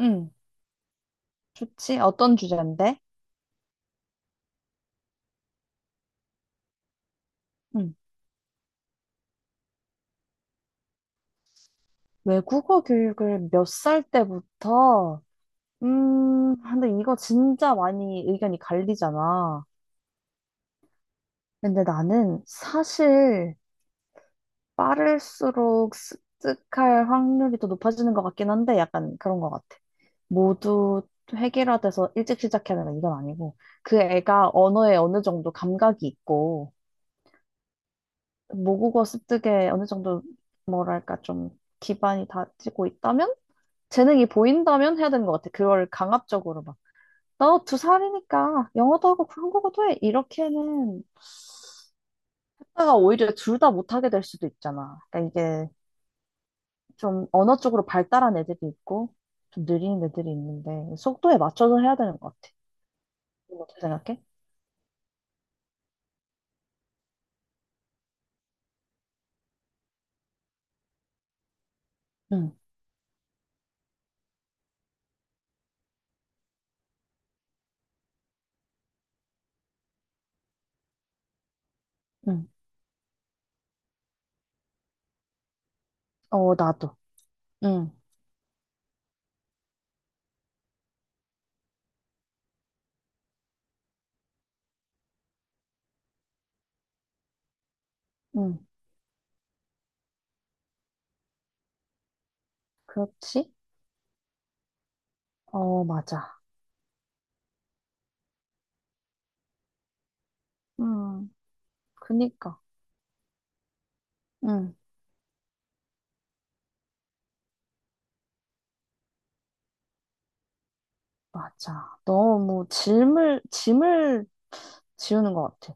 응, 좋지. 어떤 주제인데? 응. 외국어 교육을 몇 살 때부터? 근데 이거 진짜 많이 의견이 갈리잖아. 근데 나는 사실 빠를수록 습득할 확률이 더 높아지는 것 같긴 한데 약간 그런 것 같아. 모두 획일화돼서 일찍 시작해야 된다 이건 아니고 그 애가 언어에 어느 정도 감각이 있고 모국어 습득에 어느 정도 뭐랄까 좀 기반이 다지고 있다면 재능이 보인다면 해야 되는 것 같아. 그걸 강압적으로 막, 너 두 살이니까 영어도 하고 한국어도 해. 이렇게는 하다가 오히려 둘 다 못하게 될 수도 있잖아. 그러니까 이게 좀 언어 쪽으로 발달한 애들이 있고, 좀 느린 애들이 있는데, 속도에 맞춰서 해야 되는 것 같아. 넌 어떻게 생각해? 응, 응. 어, 나도. 응, 응. 그렇지? 어, 맞아. 음, 그니까. 응, 맞아. 너무 짐을 지우는 것 같아.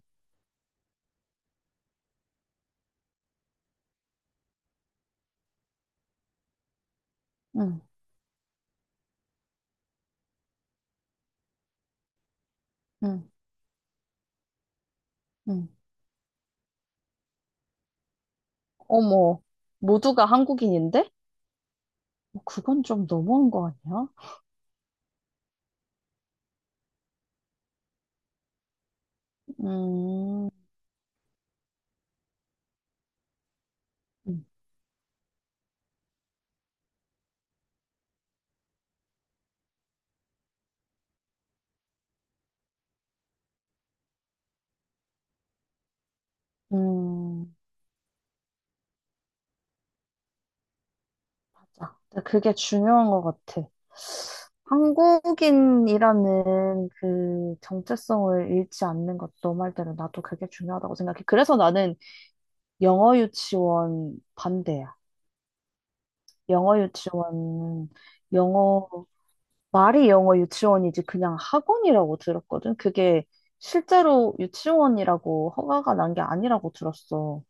응, 응, 응. 어머, 모두가 한국인인데? 어, 그건 좀 너무한 거 아니야? 음, 음, 맞아. 근데 그게 중요한 것 같아. 한국인이라는 그 정체성을 잃지 않는 것도 너 말대로 나도 그게 중요하다고 생각해. 그래서 나는 영어 유치원 반대야. 영어 유치원, 영어 말이 영어 유치원이지 그냥 학원이라고 들었거든. 그게 실제로 유치원이라고 허가가 난 게 아니라고 들었어.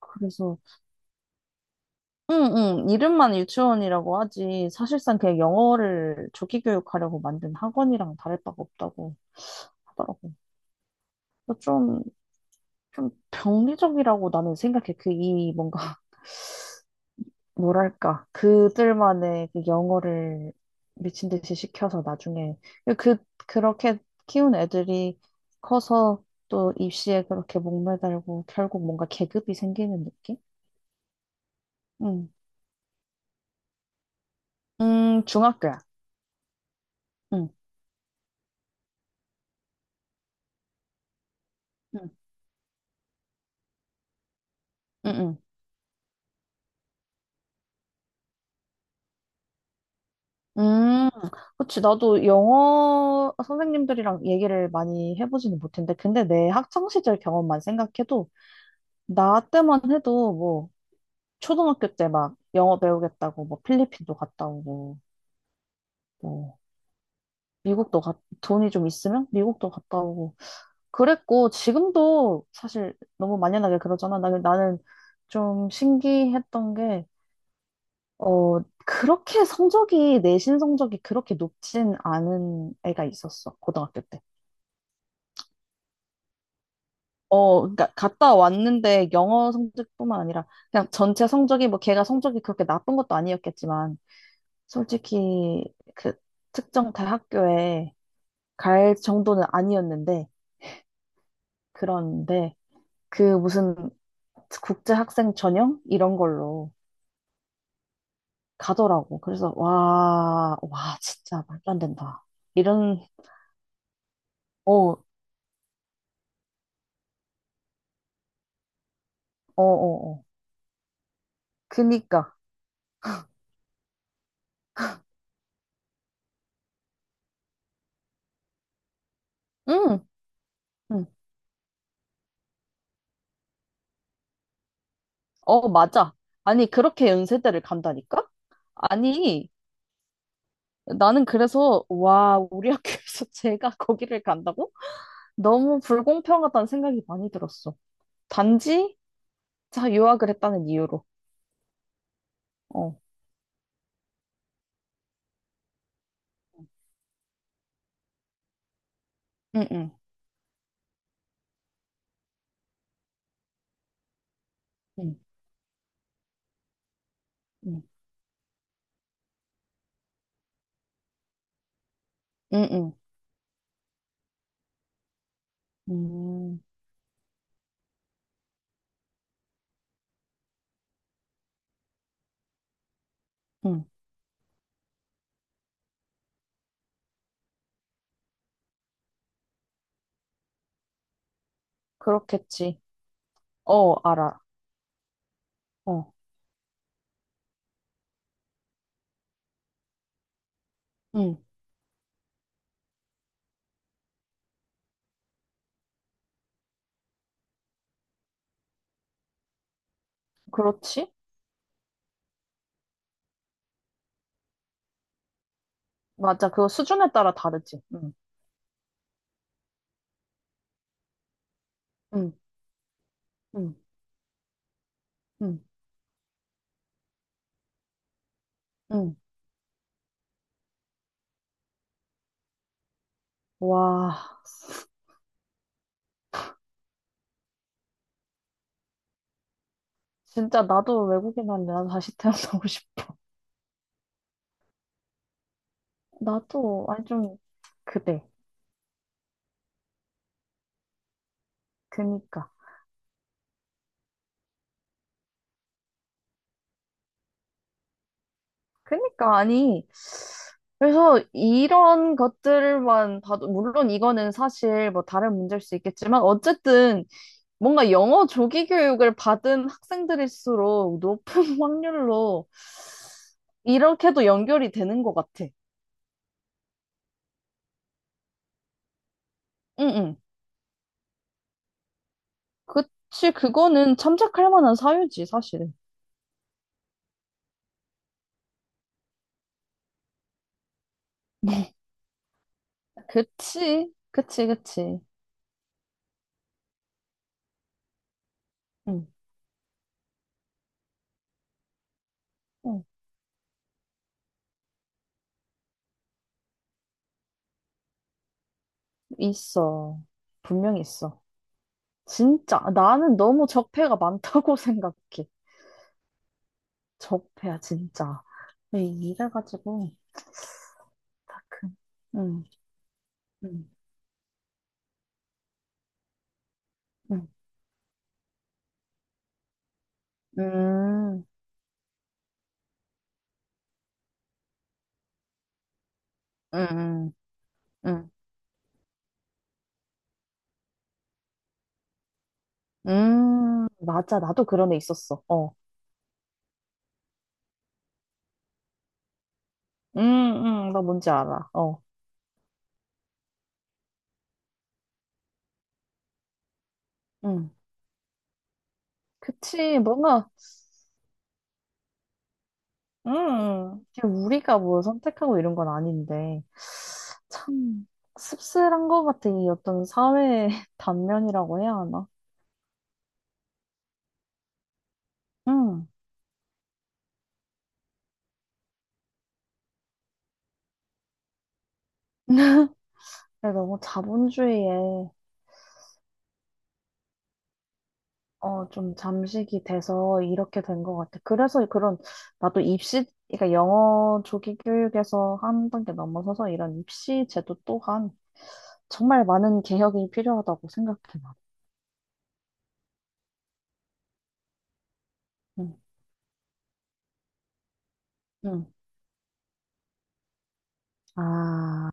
그래서 응응 이름만 유치원이라고 하지 사실상 그냥 영어를 조기 교육하려고 만든 학원이랑 다를 바가 없다고 하더라고. 좀 좀 병리적이라고 나는 생각해. 그 이 뭔가 뭐랄까, 그들만의 그 영어를 미친 듯이 시켜서 나중에, 그, 그렇게 키운 애들이 커서 또 입시에 그렇게 목매달고 결국 뭔가 계급이 생기는 느낌? 응. 중학교야. 응, 응, 응, 응. 음, 그치. 나도 영어 선생님들이랑 얘기를 많이 해보지는 못했는데, 근데 내 학창 시절 경험만 생각해도, 나 때만 해도 뭐, 초등학교 때 막 영어 배우겠다고 뭐 필리핀도 갔다 오고, 뭐 미국도 가, 돈이 좀 있으면 미국도 갔다 오고 그랬고 지금도 사실 너무 만연하게 그러잖아. 나는 좀 신기했던 게 어, 그렇게 성적이 내신 성적이 그렇게 높진 않은 애가 있었어. 고등학교 때. 어, 그러니까 갔다 왔는데 영어 성적뿐만 아니라 그냥 전체 성적이 뭐 걔가 성적이 그렇게 나쁜 것도 아니었겠지만 솔직히 그 특정 대학교에 갈 정도는 아니었는데 그런데 그 무슨 국제 학생 전형 이런 걸로 가더라고. 그래서 와, 와 진짜 말도 안 된다. 이런 어, 어, 어, 어. 그니까. 응. 응. 어, 맞아. 아니 그렇게 연세대를 간다니까? 아니 나는 그래서 와, 우리 학교에서 제가 거기를 간다고? 너무 불공평하다는 생각이 많이 들었어. 단지 자 유학을 했다는 이유로. 어. 응응. 응응. 응응. 응. 응. 응. 응. 음, 응. 그렇겠지. 어, 알아. 어, 응, 그렇지. 맞아. 그거 수준에 따라 다르지. 응, 응, 응, 응, 응. 와, 진짜 나도 외국인 한데 나도 다시 태어나고 싶어. 나도, 아니, 좀, 그래. 그니까. 그니까, 아니. 그래서 이런 것들만 봐도, 물론 이거는 사실 뭐 다른 문제일 수 있겠지만, 어쨌든 뭔가 영어 조기 교육을 받은 학생들일수록 높은 확률로 이렇게도 연결이 되는 것 같아. 응, 응. 그치, 그거는 참작할 만한 사유지, 사실은. 그치, 그치, 그치. 응, 응. 있어. 분명히 있어. 진짜. 나는 너무 적폐가 많다고 생각해. 적폐야, 진짜. 네, 이래가지고, 다 큰. 응, 응, 응. 음, 응, 응. 응. 맞아. 나도 그런 애 있었어. 어. 음, 나 뭔지 알아. 어. 음. 그치. 뭔가, 그냥 우리가 뭐 선택하고 이런 건 아닌데. 참, 씁쓸한 것 같아. 이 어떤 사회의 단면이라고 해야 하나? 음. 근데 너무 자본주의에, 좀 잠식이 돼서 이렇게 된 것 같아. 그래서 그런, 나도 입시, 그러니까 영어 조기 교육에서 한 단계 넘어서서 이런 입시 제도 또한 정말 많은 개혁이 필요하다고 생각해, 요 응, 응. 아,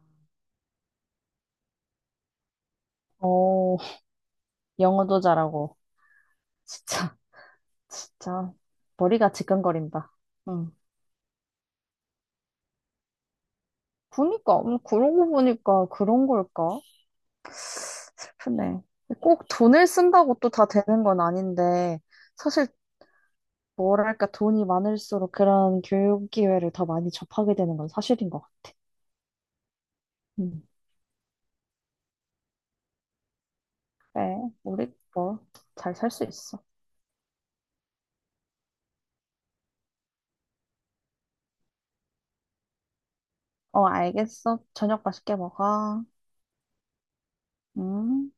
어, 영어도 잘하고. 진짜, 진짜. 머리가 지끈거린다. 응. 그니까, 그러고 보니까 그런 걸까? 슬프네. 꼭 돈을 쓴다고 또 다 되는 건 아닌데, 사실, 뭐랄까, 돈이 많을수록 그런 교육 기회를 더 많이 접하게 되는 건 사실인 것 같아. 응. 그래, 우리 뭐, 잘 살 수 있어. 어, 알겠어. 저녁 맛있게 먹어. 응.